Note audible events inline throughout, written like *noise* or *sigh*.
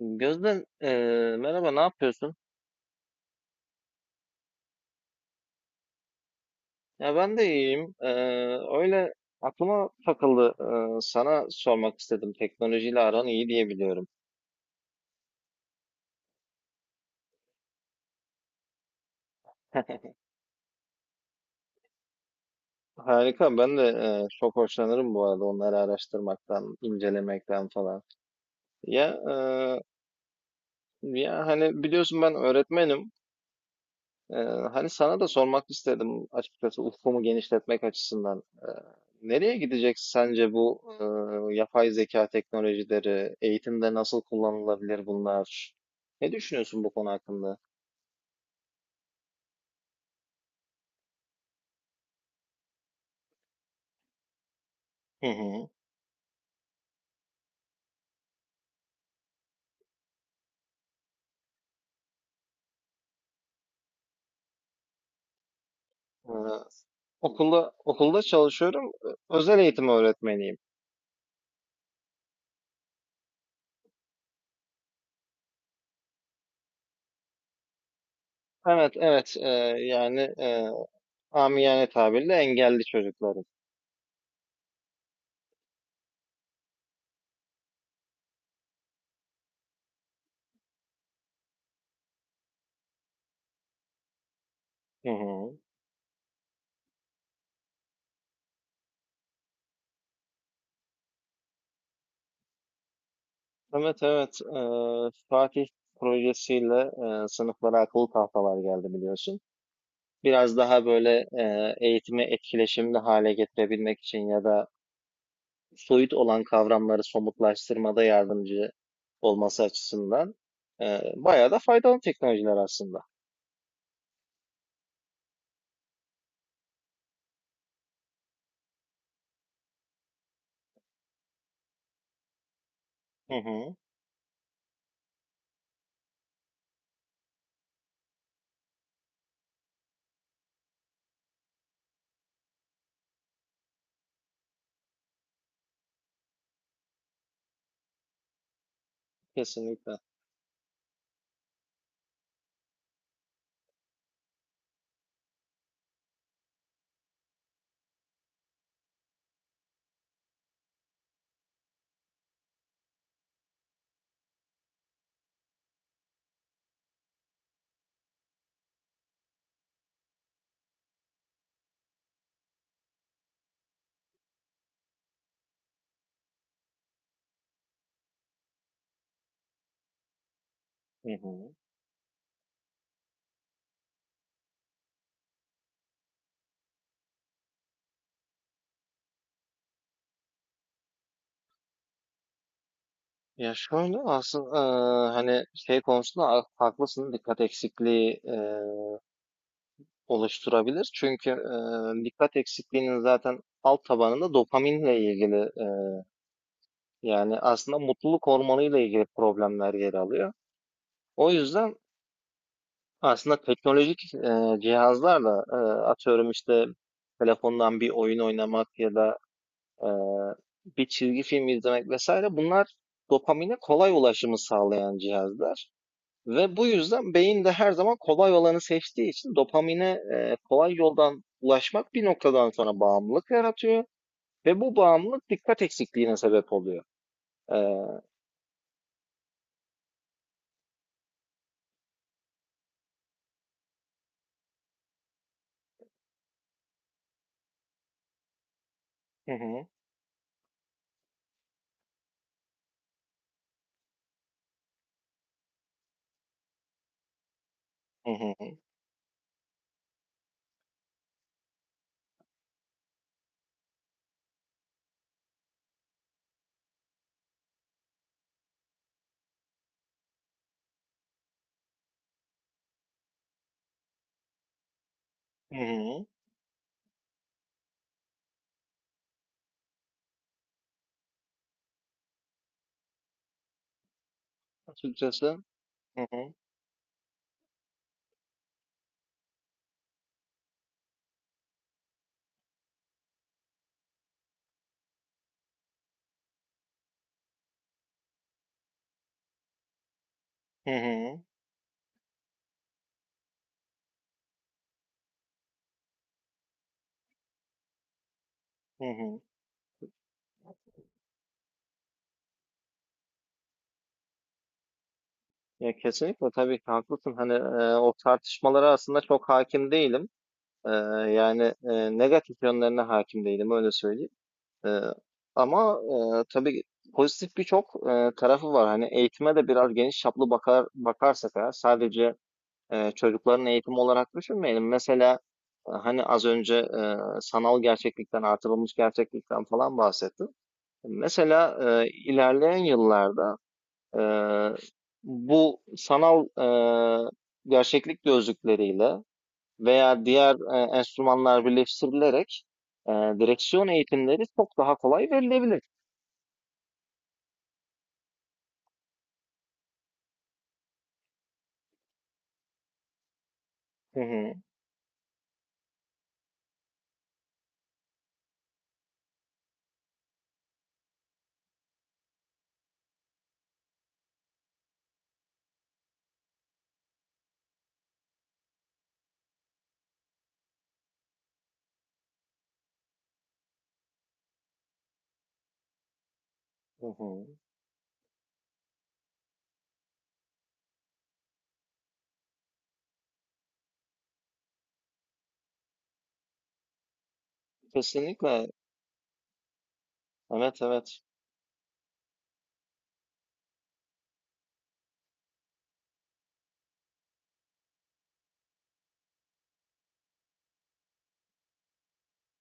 Gözde, merhaba, ne yapıyorsun? Ya ben de iyiyim. Öyle aklıma takıldı. Sana sormak istedim. Teknolojiyle aran iyi diye biliyorum. *laughs* Harika. Ben de çok hoşlanırım bu arada onları araştırmaktan, incelemekten falan. Ya eee, Ya hani biliyorsun ben öğretmenim. Ee, Hani sana da sormak istedim açıkçası ufkumu genişletmek açısından. Nereye gidecek sence bu yapay zeka teknolojileri? Eğitimde nasıl kullanılabilir bunlar? Ne düşünüyorsun bu konu hakkında? Hı hı. Ee, okulda çalışıyorum. Özel eğitim öğretmeniyim. Evet, evet. Yani amiyane tabirle engelli çocukların. Hı hı. Evet, evet, Fatih projesiyle sınıflara akıllı tahtalar geldi biliyorsun. Biraz daha böyle eğitimi etkileşimli hale getirebilmek için ya da soyut olan kavramları somutlaştırmada yardımcı olması açısından bayağı da faydalı teknolojiler aslında. Hı hı, kesinlikle. Hı hı. Ya şöyle aslında hani şey konusunda haklısın, dikkat eksikliği oluşturabilir. Çünkü dikkat eksikliğinin zaten alt tabanında dopaminle ilgili, yani aslında mutluluk hormonuyla ilgili problemler yer alıyor. O yüzden aslında teknolojik cihazlarla, atıyorum işte telefondan bir oyun oynamak ya da e, bir çizgi film izlemek vesaire, bunlar dopamine kolay ulaşımı sağlayan cihazlar. Ve bu yüzden beyin de her zaman kolay olanı seçtiği için dopamine kolay yoldan ulaşmak bir noktadan sonra bağımlılık yaratıyor ve bu bağımlılık dikkat eksikliğine sebep oluyor. E, hı hı, hı hı, hı hı. Açıkçası hı hı, hı hı, hı hı. Ya kesinlikle, tabii ki haklısın. Hani o tartışmalara aslında çok hakim değilim. E, Yani negatif yönlerine hakim değilim, öyle söyleyeyim. E, Ama tabii pozitif birçok tarafı var. Hani eğitime de biraz geniş çaplı bakar bakarsak, eğer sadece çocukların eğitimi olarak düşünmeyelim. Mesela hani az önce sanal gerçeklikten, artırılmış gerçeklikten falan bahsettim. Mesela ilerleyen yıllarda Eee, bu sanal gerçeklik gözlükleriyle veya diğer enstrümanlar birleştirilerek direksiyon eğitimleri çok daha kolay verilebilir. Hı hı, hı hı. Kesinlikle. Evet, evet.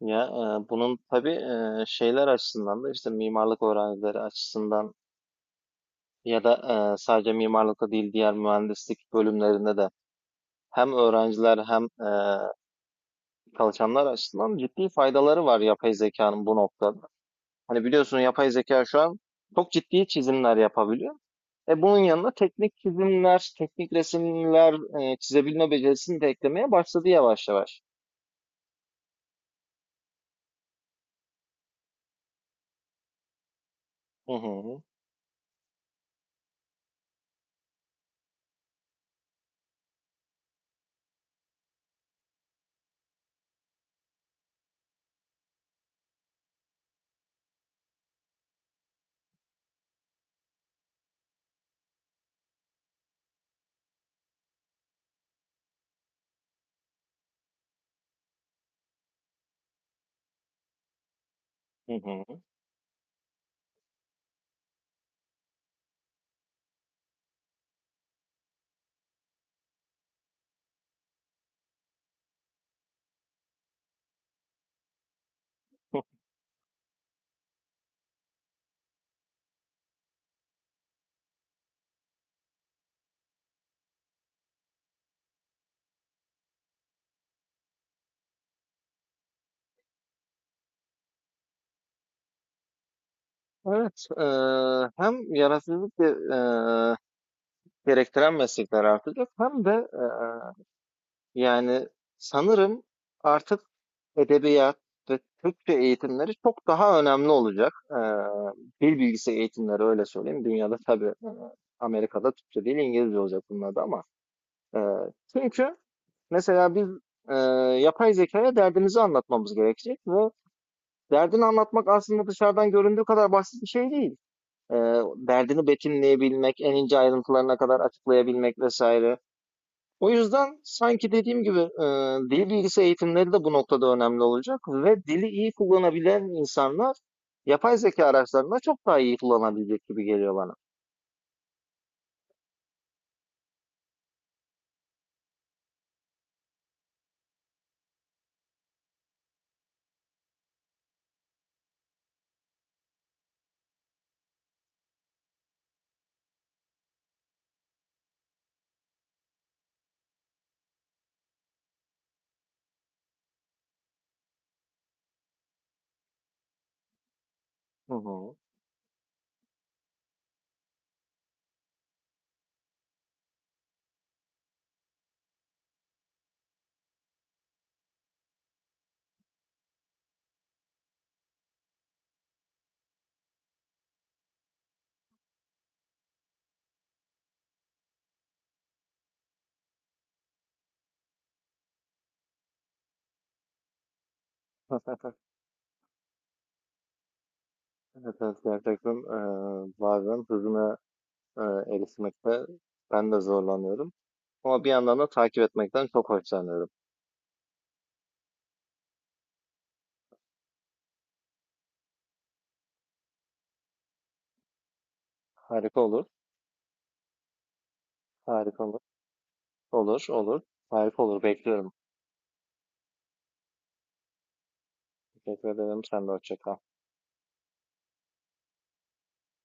Bunun tabii şeyler açısından da işte mimarlık öğrencileri açısından ya da sadece mimarlıkta değil, diğer mühendislik bölümlerinde de hem öğrenciler hem çalışanlar açısından ciddi faydaları var yapay zekanın bu noktada. Hani biliyorsun yapay zeka şu an çok ciddi çizimler yapabiliyor. E bunun yanına teknik çizimler, teknik resimler çizebilme becerisini de eklemeye başladı yavaş yavaş. Hı hı, hı hı. Evet, hem yaratıcılık e, gerektiren meslekler artacak, hem de yani sanırım artık edebiyat ve Türkçe eğitimleri çok daha önemli olacak. Dil bilgisi eğitimleri, öyle söyleyeyim. Dünyada tabii Amerika'da Türkçe değil İngilizce olacak bunlarda ama. e, Çünkü mesela biz e, yapay zekaya derdimizi anlatmamız gerekecek ve derdini anlatmak aslında dışarıdan göründüğü kadar basit bir şey değil. E, Derdini betimleyebilmek, en ince ayrıntılarına kadar açıklayabilmek vesaire. O yüzden sanki dediğim gibi dil bilgisi eğitimleri de bu noktada önemli olacak ve dili iyi kullanabilen insanlar yapay zeka araçlarında çok daha iyi kullanabilecek gibi geliyor bana. Hı hı. Evet, evet, gerçekten bazen hızına e, erişmekte ben de zorlanıyorum. Ama bir yandan da takip etmekten çok hoşlanıyorum. Harika olur, harika olur, olur, olur, harika olur. Bekliyorum. Teşekkür ederim. Sen de hoşça kal.